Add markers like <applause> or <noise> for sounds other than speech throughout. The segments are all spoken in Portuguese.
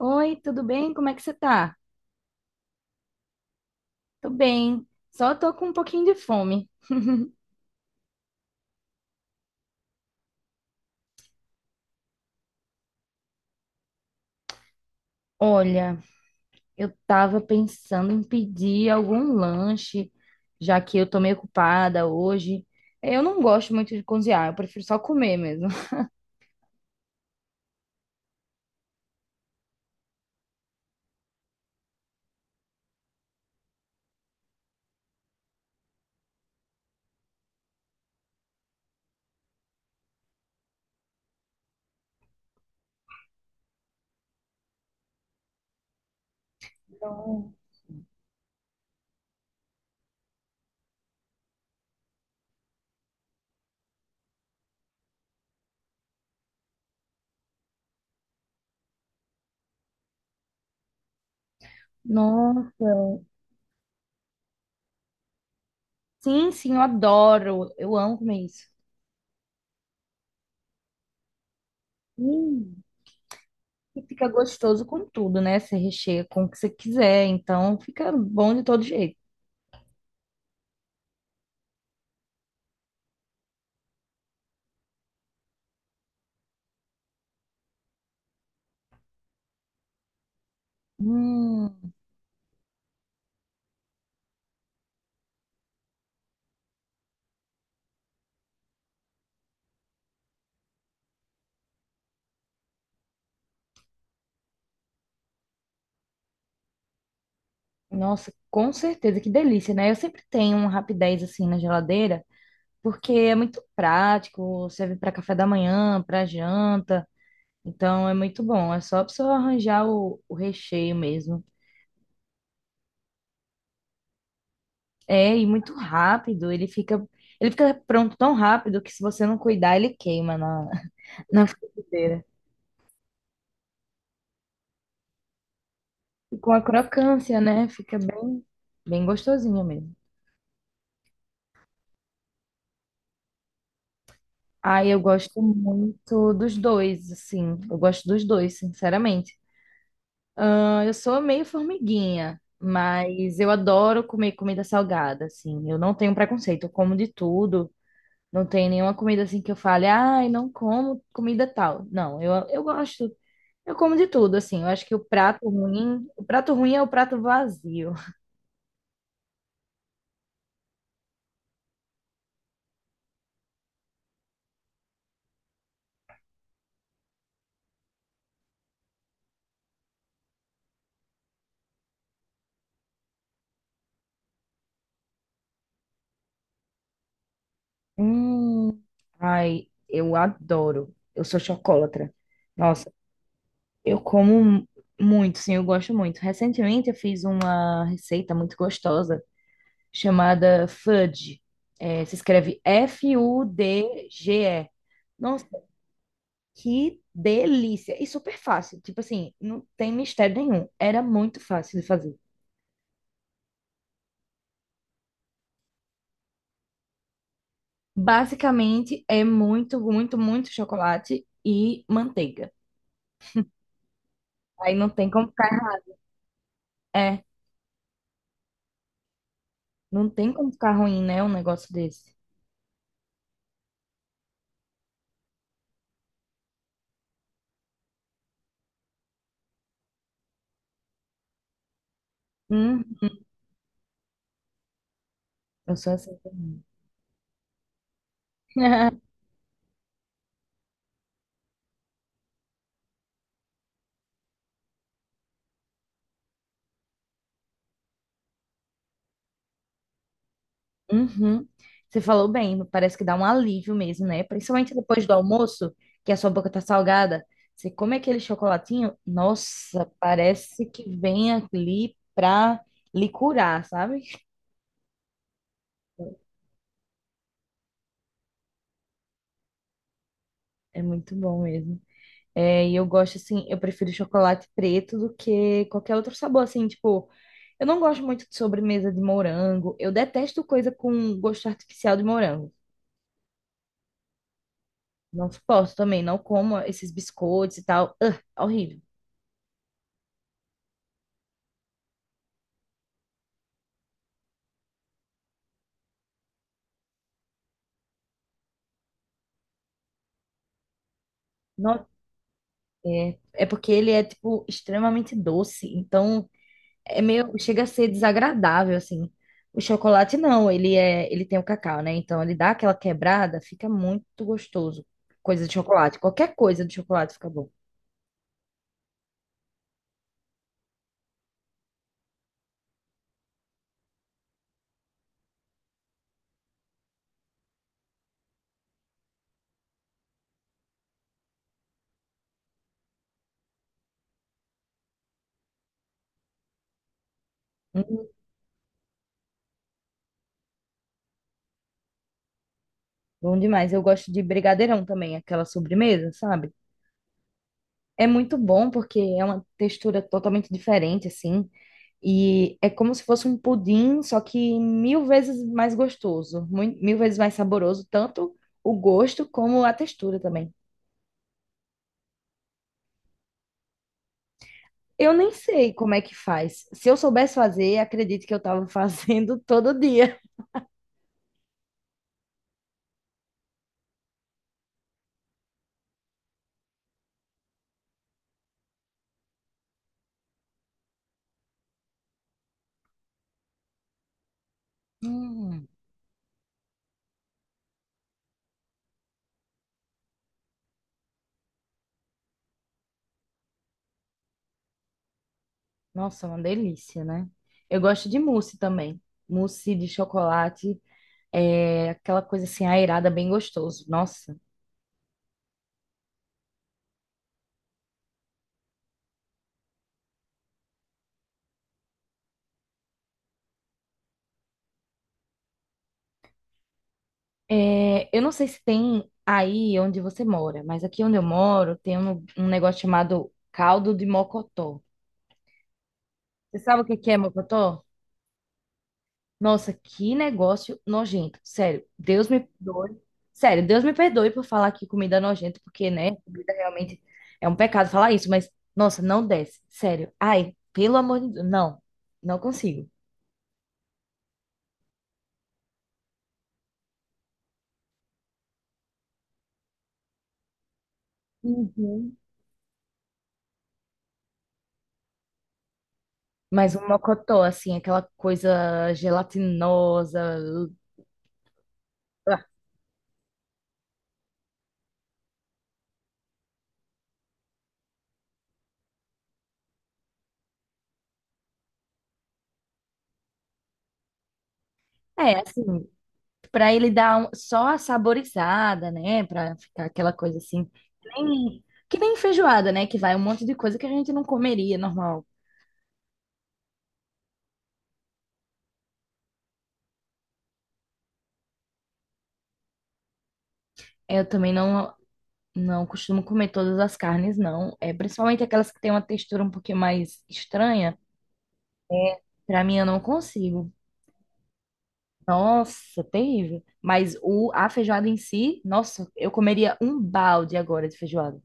Oi, tudo bem? Como é que você tá? Tô bem, só tô com um pouquinho de fome. Olha, eu tava pensando em pedir algum lanche, já que eu tô meio ocupada hoje. Eu não gosto muito de cozinhar, eu prefiro só comer mesmo. Não. Nossa, sim, sim, eu adoro, eu amo comer isso. Hum. E fica gostoso com tudo, né? Você recheia com o que você quiser, então fica bom de todo jeito. Hum. Nossa, com certeza, que delícia, né? Eu sempre tenho um Rapidez assim na geladeira, porque é muito prático, serve para café da manhã, para janta, então é muito bom. É só pra você arranjar o recheio mesmo. É, e muito rápido, ele fica pronto tão rápido que se você não cuidar, ele queima na, <laughs> na frigideira. E com a crocância, né? Fica bem, bem gostosinho mesmo. Ah, eu gosto muito dos dois, assim. Eu gosto dos dois, sinceramente. Ah, eu sou meio formiguinha, mas eu adoro comer comida salgada, assim. Eu não tenho preconceito, eu como de tudo. Não tem nenhuma comida assim que eu fale, ai, não como comida tal. Não, eu gosto, eu como de tudo, assim. Eu acho que o prato ruim é o prato vazio. <laughs> Hum, ai, eu adoro. Eu sou chocolatra. Nossa, eu como muito, sim, eu gosto muito. Recentemente eu fiz uma receita muito gostosa chamada Fudge. É, se escreve Fudge. Nossa, que delícia! E super fácil. Tipo assim, não tem mistério nenhum. Era muito fácil de fazer. Basicamente, é muito, muito, muito chocolate e manteiga. Aí não tem como ficar. É, não tem como ficar ruim, né? Um negócio desse. Hum, eu sou assim também. <laughs> Uhum. Você falou bem, parece que dá um alívio mesmo, né? Principalmente depois do almoço, que a sua boca tá salgada. Você come aquele chocolatinho, nossa, parece que vem ali pra lhe curar, sabe? É muito bom mesmo. É, e eu gosto assim, eu prefiro chocolate preto do que qualquer outro sabor, assim, tipo, eu não gosto muito de sobremesa de morango, eu detesto coisa com gosto artificial de morango. Não suporto também, não como esses biscoitos e tal. Ugh, horrível. É, é porque ele é, tipo, extremamente doce. Então, é meio, chega a ser desagradável, assim. O chocolate não, ele é, ele tem o cacau, né? Então, ele dá aquela quebrada, fica muito gostoso. Coisa de chocolate, qualquer coisa de chocolate fica bom. Hum, bom demais. Eu gosto de brigadeirão também, aquela sobremesa, sabe? É muito bom porque é uma textura totalmente diferente, assim. E é como se fosse um pudim, só que mil vezes mais gostoso, mil vezes mais saboroso, tanto o gosto como a textura também. Eu nem sei como é que faz. Se eu soubesse fazer, acredito que eu estava fazendo <laughs> todo dia. Hum, nossa, uma delícia, né? Eu gosto de mousse também. Mousse de chocolate, é aquela coisa assim aerada, bem gostoso. Nossa. É, eu não sei se tem aí onde você mora, mas aqui onde eu moro tem um negócio chamado caldo de mocotó. Você sabe o que que é mocotó? Nossa, que negócio nojento. Sério, Deus me perdoe. Sério, Deus me perdoe por falar que comida é nojento, porque, né, comida realmente é um pecado falar isso, mas, nossa, não desce. Sério. Ai, pelo amor de Deus. Não, não consigo. Uhum. Mas um mocotó, assim, aquela coisa gelatinosa. Ah. É, assim, para ele dar um- só a saborizada, né? Para ficar aquela coisa assim, que nem feijoada, né? Que vai um monte de coisa que a gente não comeria normal. Eu também não costumo comer todas as carnes, não. É principalmente aquelas que têm uma textura um pouquinho mais estranha. Para mim, eu não consigo. Nossa, terrível. Mas o a feijoada em si, nossa, eu comeria um balde agora de feijoada.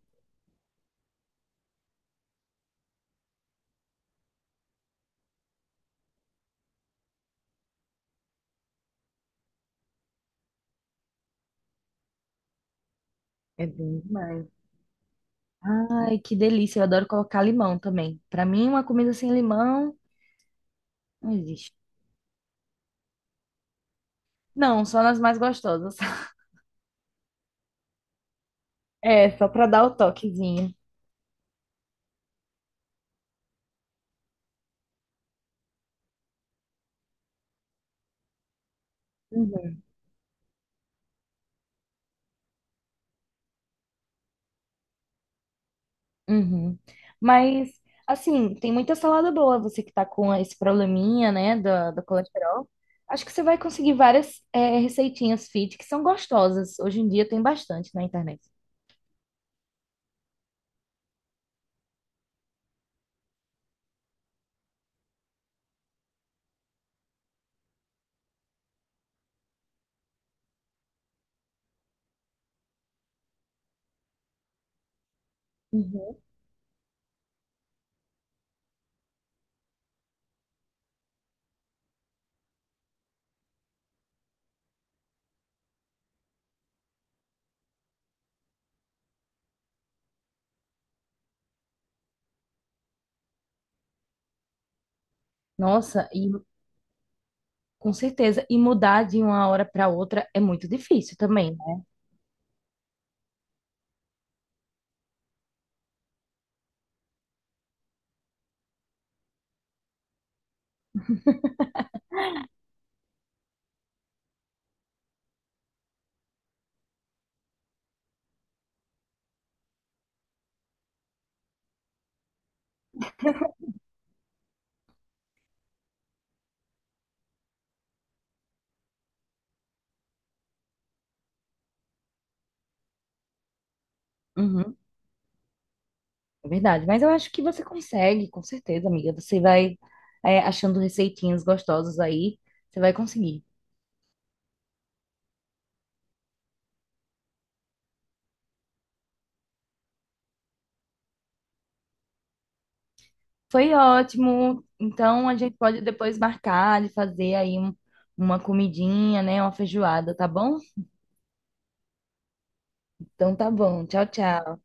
É bem demais. Ai, que delícia. Eu adoro colocar limão também. Para mim, uma comida sem limão não existe. Não, só nas mais gostosas. <laughs> É, só pra dar o toquezinho. Uhum, uhum. Mas, assim, tem muita salada boa. Você que tá com esse probleminha, né, do colesterol. Acho que você vai conseguir várias receitinhas fit que são gostosas. Hoje em dia tem bastante na internet. Uhum. Nossa, e com certeza. E mudar de uma hora pra outra é muito difícil também, né? Uhum. É verdade, mas eu acho que você consegue, com certeza, amiga. Você vai, achando receitinhas gostosas aí, você vai conseguir. Foi ótimo. Então a gente pode depois marcar de fazer uma comidinha, né? Uma feijoada, tá bom? Então tá bom. Tchau, tchau.